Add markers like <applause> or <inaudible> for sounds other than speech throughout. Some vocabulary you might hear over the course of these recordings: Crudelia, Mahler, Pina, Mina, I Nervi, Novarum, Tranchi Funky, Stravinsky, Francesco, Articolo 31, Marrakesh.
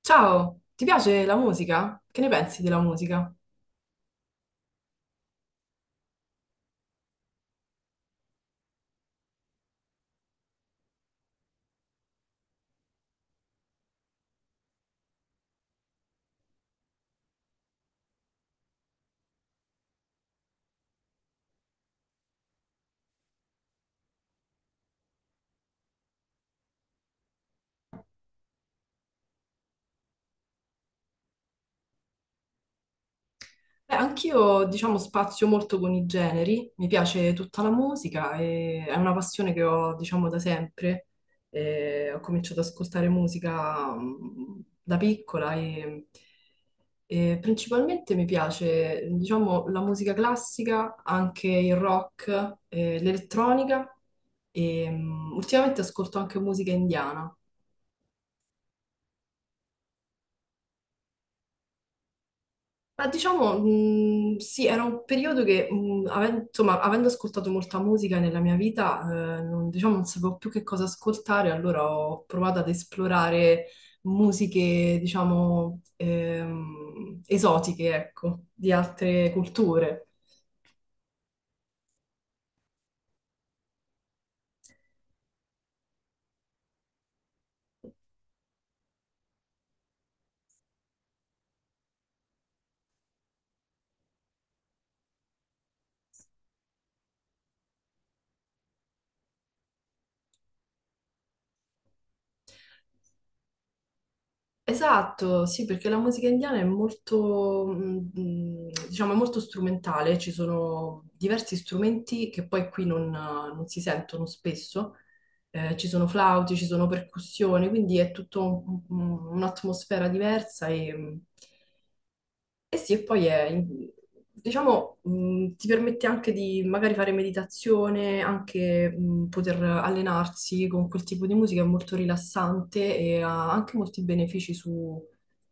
Ciao, ti piace la musica? Che ne pensi della musica? Beh, anch'io, diciamo, spazio molto con i generi, mi piace tutta la musica e è una passione che ho, diciamo, da sempre. Ho cominciato ad ascoltare musica da piccola e, principalmente mi piace, diciamo, la musica classica, anche il rock, l'elettronica e ultimamente ascolto anche musica indiana. Ma diciamo, sì, era un periodo che, insomma, avendo ascoltato molta musica nella mia vita, non, diciamo, non sapevo più che cosa ascoltare, allora ho provato ad esplorare musiche, diciamo, esotiche, ecco, di altre culture. Esatto, sì, perché la musica indiana è molto, diciamo, è molto strumentale, ci sono diversi strumenti che poi qui non si sentono spesso. Ci sono flauti, ci sono percussioni, quindi è tutta un'atmosfera diversa e sì, e diciamo, ti permette anche di magari fare meditazione, anche poter allenarsi con quel tipo di musica, è molto rilassante e ha anche molti benefici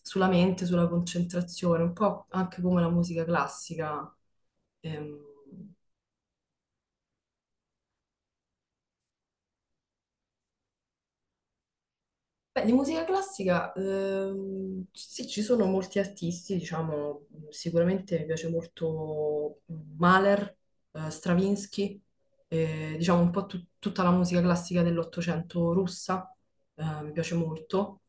sulla mente, sulla concentrazione, un po' anche come la musica classica. Ehm, Beh, di musica classica, sì, ci sono molti artisti, diciamo, sicuramente mi piace molto Mahler, Stravinsky, diciamo un po' tutta la musica classica dell'Ottocento russa, mi piace molto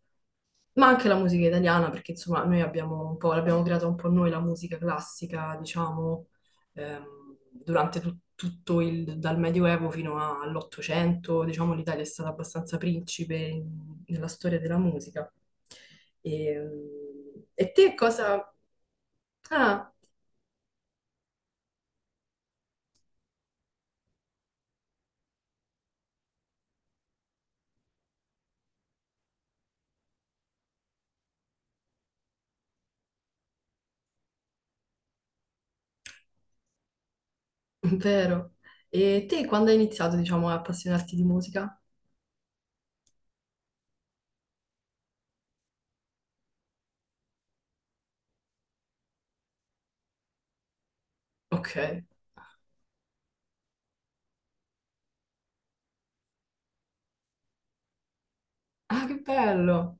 ma anche la musica italiana, perché insomma noi abbiamo un po', l'abbiamo creata un po' noi la musica classica, diciamo, durante tutto il, dal Medioevo fino all'Ottocento, diciamo l'Italia è stata abbastanza principe nella storia della musica. E te cosa... Ah, <laughs> vero. E te quando hai iniziato, diciamo, a appassionarti di musica? Ok. Ah, che bello!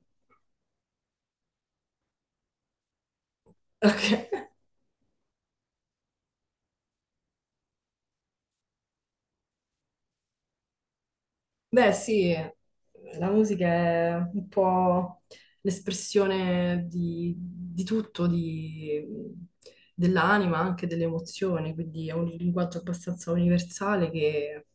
Ok. Beh, sì, la musica è un po' l'espressione di tutto, dell'anima, anche delle emozioni, quindi è un linguaggio abbastanza universale che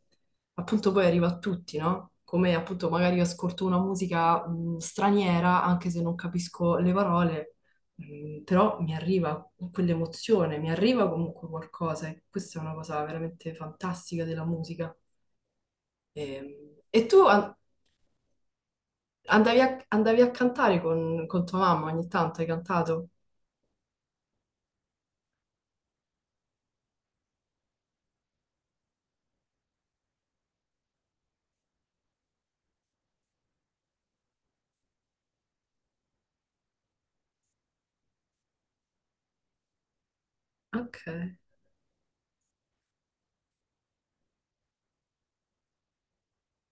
appunto poi arriva a tutti, no? Come appunto magari io ascolto una musica straniera, anche se non capisco le parole, però mi arriva quell'emozione, mi arriva comunque qualcosa e questa è una cosa veramente fantastica della musica. E, e tu, an- Andavi a, andavi a cantare con tua mamma ogni tanto, hai cantato? Ok.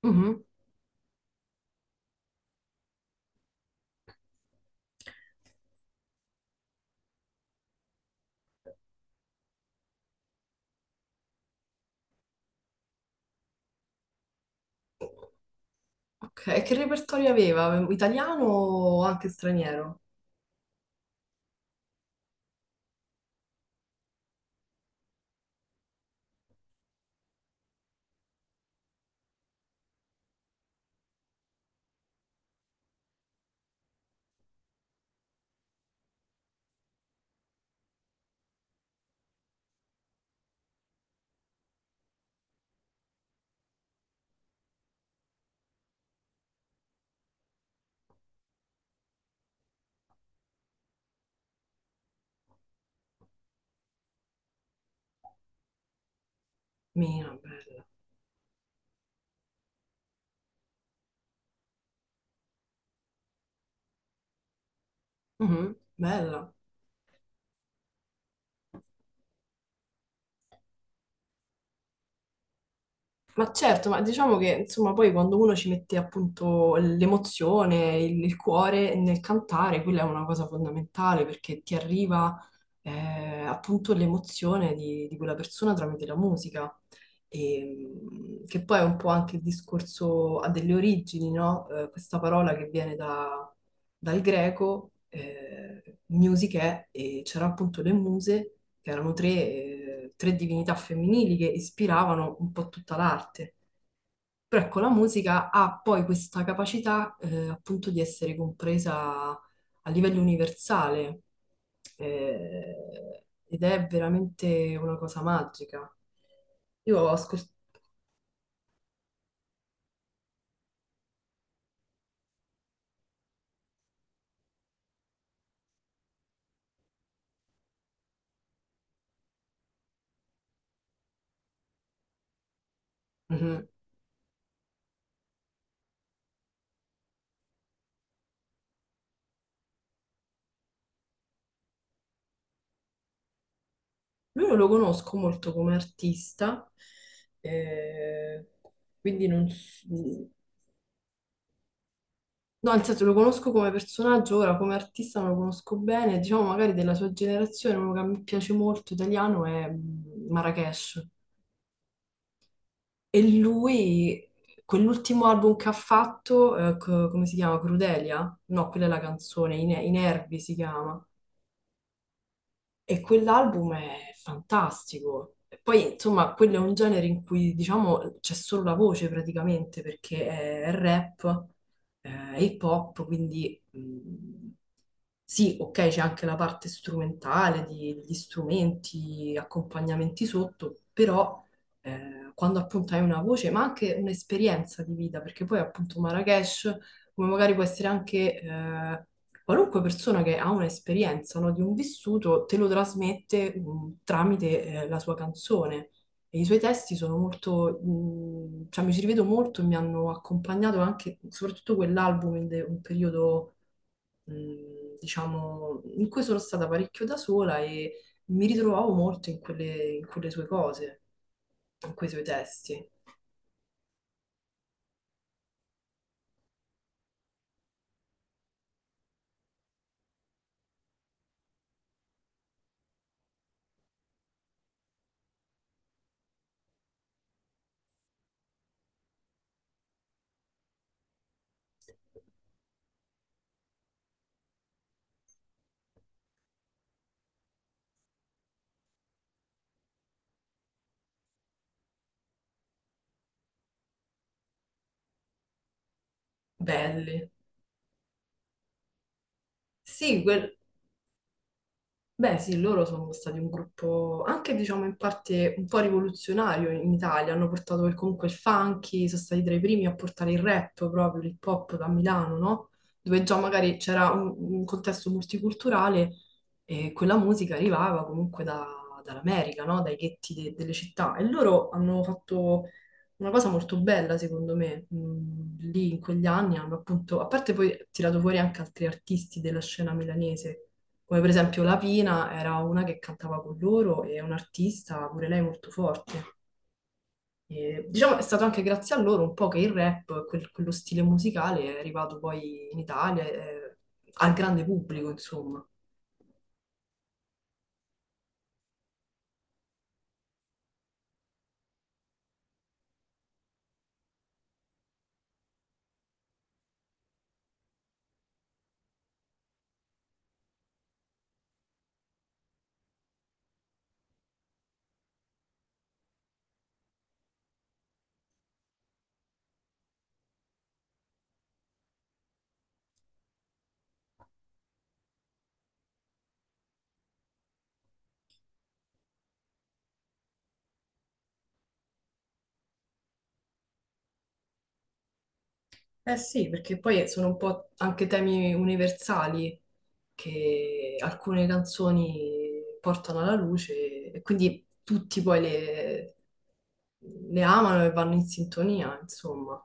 Mhm. Ok, e che repertorio aveva? Italiano o anche straniero? Mina, bella. Mhm. Bella. Ma certo, ma diciamo che insomma poi quando uno ci mette appunto l'emozione, il cuore nel cantare, quella è una cosa fondamentale perché ti arriva appunto l'emozione di quella persona tramite la musica, e, che poi è un po' anche il discorso ha delle origini, no? Questa parola che viene da, dal greco, musiche, e c'erano appunto le muse, che erano tre, tre divinità femminili che ispiravano un po' tutta l'arte. Però ecco, la musica ha poi questa capacità, appunto di essere compresa a livello universale, ed è veramente una cosa magica. Io ho ascoltato... Lui non lo conosco molto come artista, eh, quindi non... s- no, nel senso lo conosco come personaggio, ora come artista non lo conosco bene, diciamo magari della sua generazione, uno che mi piace molto italiano è Marrakesh. E lui, quell'ultimo album che ha fatto, come si chiama? Crudelia? No, quella è la canzone, I Nervi si chiama. E quell'album è fantastico. E poi, insomma, quello è un genere in cui, diciamo, c'è solo la voce praticamente, perché è rap, hip hop, quindi sì, ok, c'è anche la parte strumentale degli strumenti, accompagnamenti sotto, però quando appunto hai una voce, ma anche un'esperienza di vita, perché poi appunto Marrakesh, come magari può essere anche... qualunque persona che ha un'esperienza, no, di un vissuto te lo trasmette tramite la sua canzone e i suoi testi sono molto, cioè mi ci rivedo molto, e mi hanno accompagnato anche, soprattutto quell'album un periodo, diciamo, in cui sono stata parecchio da sola e mi ritrovavo molto in quelle sue cose, in quei suoi testi. Belli. Sì, quel- Beh, sì, loro sono stati un gruppo anche, diciamo, in parte un po' rivoluzionario in Italia. Hanno portato comunque il funky, sono stati tra i primi a portare il rap, proprio l'hip hop da Milano, no? Dove già magari c'era un contesto multiculturale e quella musica arrivava dall'America, no? Dai ghetti delle città. E loro hanno fatto una cosa molto bella, secondo me. Lì in quegli anni hanno appunto, a parte poi tirato fuori anche altri artisti della scena milanese come per esempio la Pina era una che cantava con loro e è un'artista, pure lei molto forte. E, diciamo è stato anche grazie a loro un po' che il rap, quello stile musicale, è arrivato poi in Italia, al grande pubblico, insomma. Eh sì, perché poi sono un po' anche temi universali che alcune canzoni portano alla luce e quindi tutti poi le amano e vanno in sintonia, insomma.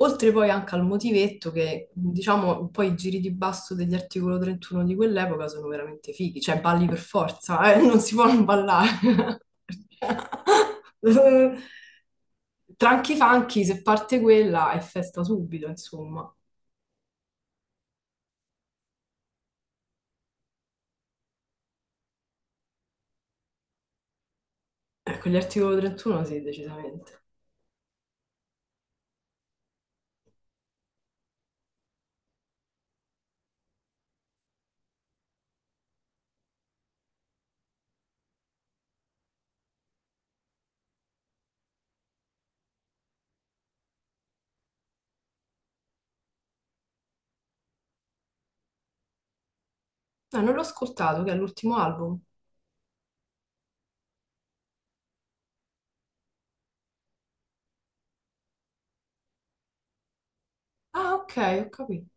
Oltre poi anche al motivetto che, diciamo, poi i giri di basso degli articolo 31 di quell'epoca sono veramente fighi, cioè balli per forza, <laughs> non si può non ballare. <laughs> Tranchi Funky, se parte quella, è festa subito, insomma. Ecco, gli articolo 31 sì, decisamente. Ah, non l'ho ascoltato, che è l'ultimo album. Ah, ok, ho capito.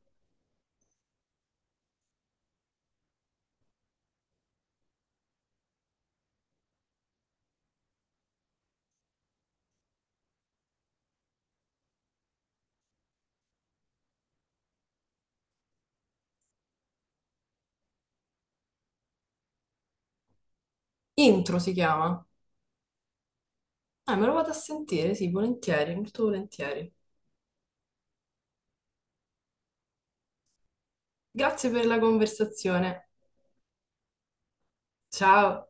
Intro si chiama. Ah, me lo vado a sentire, sì, volentieri, molto volentieri. Grazie per la conversazione. Ciao.